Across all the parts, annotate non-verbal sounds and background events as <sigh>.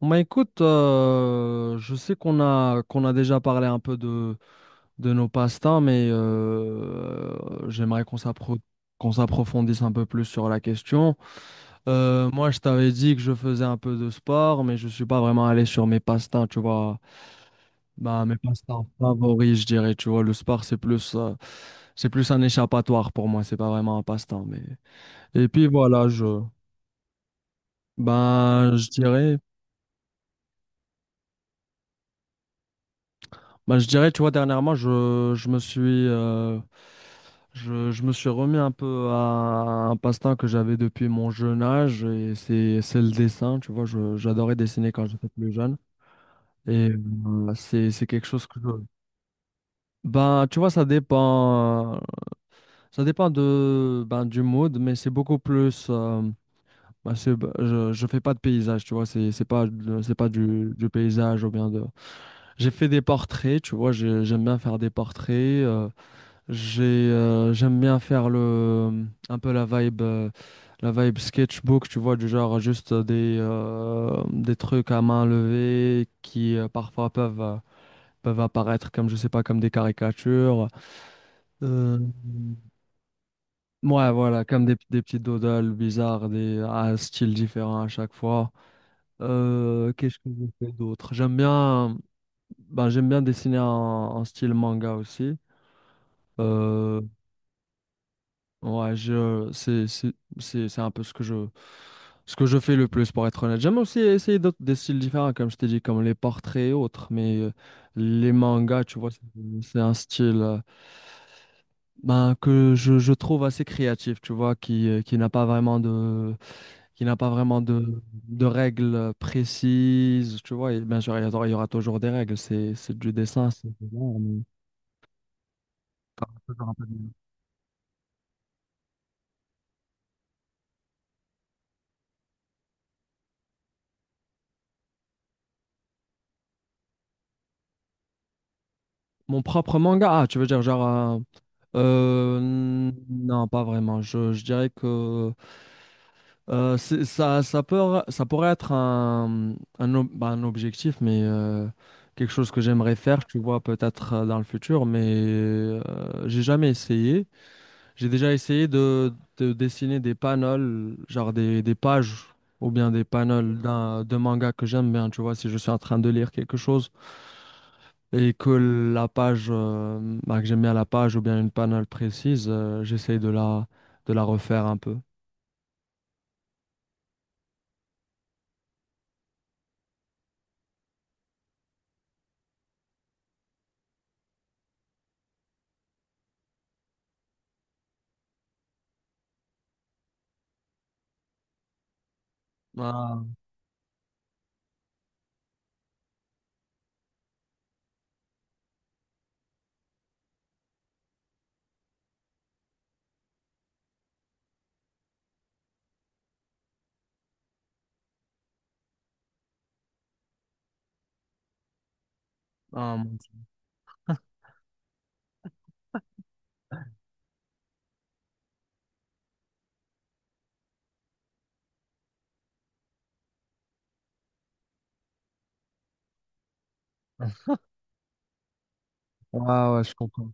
Bah écoute, je sais qu'on a déjà parlé un peu de nos passe-temps, mais j'aimerais qu'on s'approfondisse un peu plus sur la question. Moi, je t'avais dit que je faisais un peu de sport, mais je suis pas vraiment allé sur mes passe-temps, tu vois. Bah mes passe-temps favoris, je dirais, tu vois. Le sport, c'est plus un échappatoire pour moi, c'est pas vraiment un passe-temps, mais et puis voilà, je je dirais. Bah, je dirais, tu vois, dernièrement, je me suis, euh, je me suis remis un peu à un passe-temps que j'avais depuis mon jeune âge, et c'est le dessin, tu vois, j'adorais dessiner quand j'étais plus jeune, et c'est quelque chose que je... Ben, tu vois, ça dépend de du mood, mais c'est beaucoup plus, je fais pas de paysage, tu vois, c'est pas, c'est pas du paysage ou bien de... J'ai fait des portraits, tu vois, j'aime bien faire des portraits. euh, J'ai, J'aime bien faire un peu la la vibe sketchbook, tu vois, du genre juste des trucs à main levée qui parfois peuvent apparaître comme, je sais pas, comme des caricatures. Euh, ouais, voilà, comme des petits doodles bizarres, des à styles différents à chaque fois. Qu'est-ce que je fais d'autre? J'aime bien, ben, j'aime bien dessiner en style manga aussi. Euh, Ouais, je, c'est un peu ce que ce que je fais le plus, pour être honnête. J'aime aussi essayer d'autres, des styles différents, comme je t'ai dit, comme les portraits et autres, mais les mangas, tu vois, c'est un style je trouve assez créatif, tu vois, qui n'a pas vraiment de, qui n'a pas vraiment de règles précises, tu vois, et bien sûr, il y aura toujours des règles, c'est du dessin, c'est des arts, mais- Toujours un peu de- Mon propre manga, ah, tu veux dire genre... Euh, non, pas vraiment. Je dirais que ça pourrait être un objectif, mais quelque chose que j'aimerais faire, tu vois, peut-être dans le futur, mais j'ai jamais essayé. J'ai déjà essayé de dessiner des panels, genre des pages ou bien des panels de manga que j'aime bien, tu vois, si je suis en train de lire quelque chose et que la page, que j'aime bien la page ou bien une panel précise, j'essaye de la refaire un peu. Ah, ah, mon Dieu. Ah ouais, je comprends.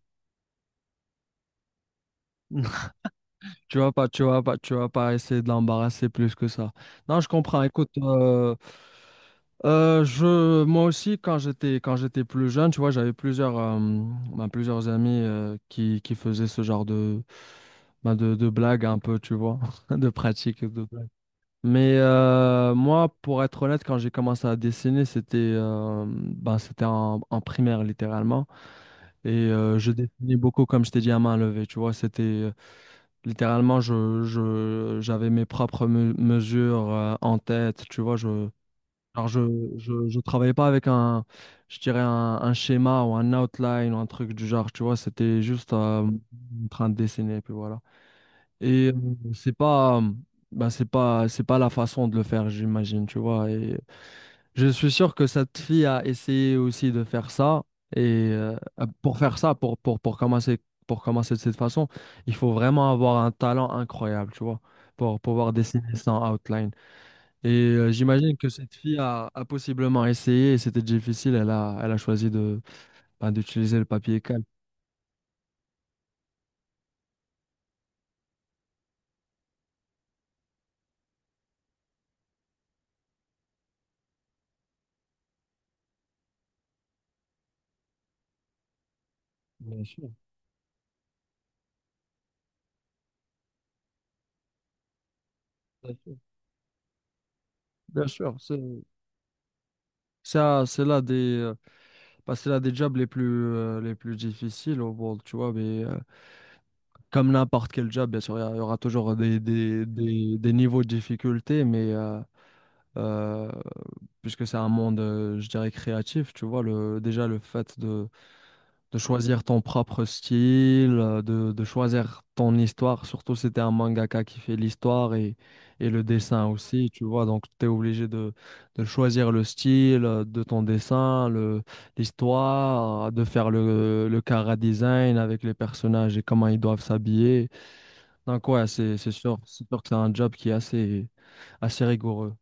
<laughs> Tu vas pas essayer de l'embarrasser plus que ça. Non, je comprends. Écoute, moi aussi, quand j'étais plus jeune, tu vois, j'avais plusieurs amis qui faisaient ce genre de blagues un peu, tu vois, <laughs> de pratiques. De... Mais moi, pour être honnête, quand j'ai commencé à dessiner, c'était c'était en primaire, littéralement. Et je dessinais beaucoup, comme je t'ai dit, à main levée. Tu vois, c'était littéralement, j'avais mes propres mesures en tête. Tu vois, alors je, je travaillais pas avec un schéma ou un outline ou un truc du genre. Tu vois, c'était juste en train de dessiner. Puis voilà. Et c'est pas, bah, c'est pas la façon de le faire, j'imagine, tu vois. Et je suis sûr que cette fille a essayé aussi de faire ça. Et pour faire ça, pour commencer de cette façon, il faut vraiment avoir un talent incroyable, tu vois, pour pouvoir dessiner sans outline. Et j'imagine que cette a possiblement essayé et c'était difficile. Elle a choisi d'utiliser le papier calque. Bien sûr, bien sûr. Bien sûr, c'est là des. C'est l'un des jobs les plus difficiles au monde, tu vois, mais comme n'importe quel job, bien sûr, il y aura toujours des niveaux de difficulté, mais euh, puisque c'est un monde, je dirais, créatif, tu vois, déjà le fait de choisir ton propre style, de choisir ton histoire, surtout si t'es un mangaka qui fait l'histoire et le dessin aussi, tu vois, donc t'es obligé de choisir le style de ton dessin, l'histoire, de faire le chara design avec les personnages et comment ils doivent s'habiller. Donc ouais, c'est sûr que c'est un job qui est assez, assez rigoureux.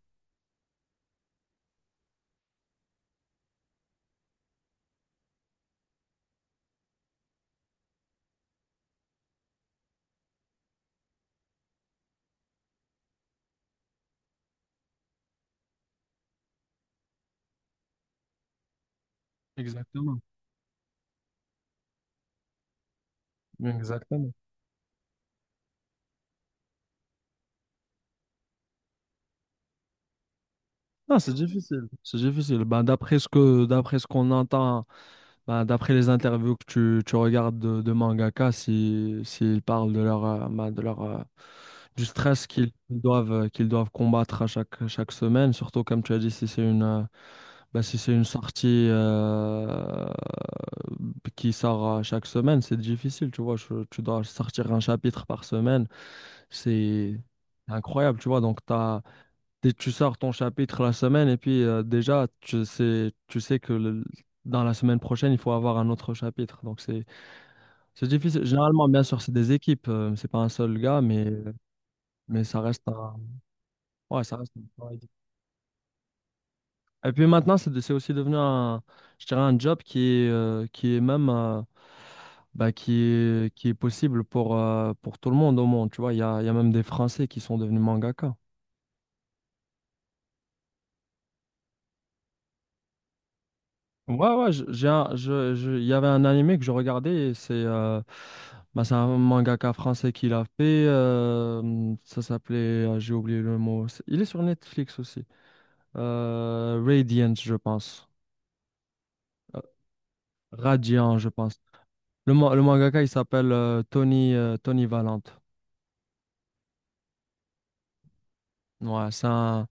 Exactement. Exactement. Ah, c'est difficile. C'est difficile. Ben, d'après ce d'après ce qu'on entend, bah, d'après les interviews que tu regardes de mangaka, si, s'ils parlent de de leur, du stress qu'ils qu'ils doivent combattre à chaque semaine, surtout comme tu as dit, si c'est si c'est une sortie qui sort chaque semaine, c'est difficile, tu vois. Tu dois sortir un chapitre par semaine, c'est incroyable, tu vois. Donc, tu as, dès que tu sors ton chapitre la semaine et puis déjà tu sais que dans la semaine prochaine il faut avoir un autre chapitre. Donc c'est difficile. Généralement bien sûr c'est des équipes, c'est pas un seul gars mais ça reste un ouais ça reste un travail. Et puis maintenant c'est aussi devenu un, je dirais un job qui est même qui est possible pour tout le monde au monde. Tu vois il y a même des Français qui sont devenus mangaka. Ouais, ouais, je- j'ai un- je- il y avait un animé que je regardais, et c'est c'est un mangaka français qui l'a fait. Ça s'appelait, j'ai oublié le mot. Il est sur Netflix aussi. Radiant, je pense. Euh, Radiant, je pense. Le mangaka, il s'appelle Tony Valente. Ouais, c'est un,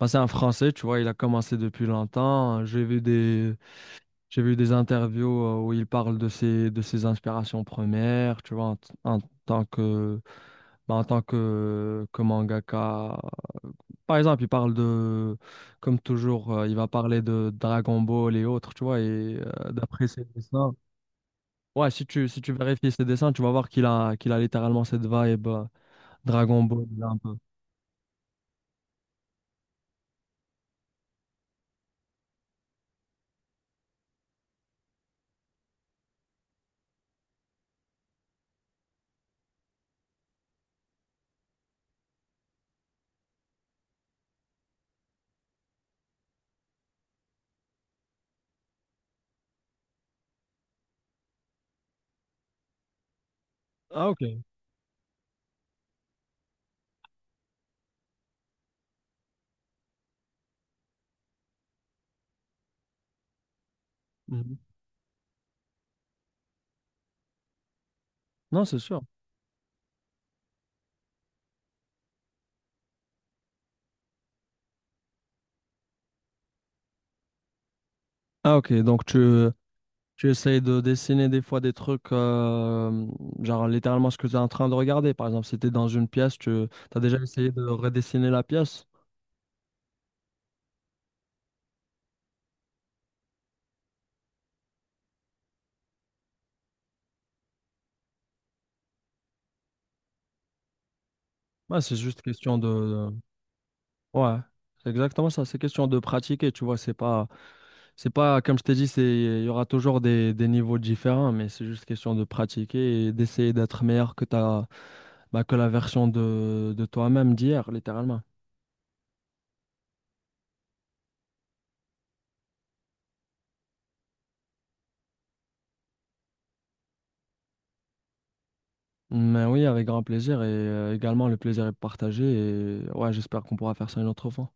bah, c'est un Français, tu vois, il a commencé depuis longtemps. J'ai vu des, j'ai vu des interviews où il parle de de ses inspirations premières, tu vois, en tant que, bah, en tant que mangaka. Par exemple, il parle de, comme toujours, il va parler de Dragon Ball et autres, tu vois, et d'après ses dessins. Ouais, si si tu vérifies ses dessins, tu vas voir qu'il qu'il a littéralement cette vibe Dragon Ball, là, un peu. Ah, ok. Mhm. Non, c'est sûr. Ah, ok, donc tu essayes de dessiner des fois des trucs, genre littéralement ce que tu es en train de regarder. Par exemple, si tu es dans une pièce, tu as déjà essayé de redessiner la pièce. Ouais, c'est juste question de... Ouais, c'est exactement ça. C'est question de pratiquer, tu vois. C'est pas, Comme je t'ai dit, c'est, il y aura toujours des niveaux différents, mais c'est juste question de pratiquer et d'essayer d'être meilleur que ta, bah, que la version de toi-même d'hier, littéralement. Mais oui, avec grand plaisir et également le plaisir est partagé et ouais, j'espère qu'on pourra faire ça une autre fois.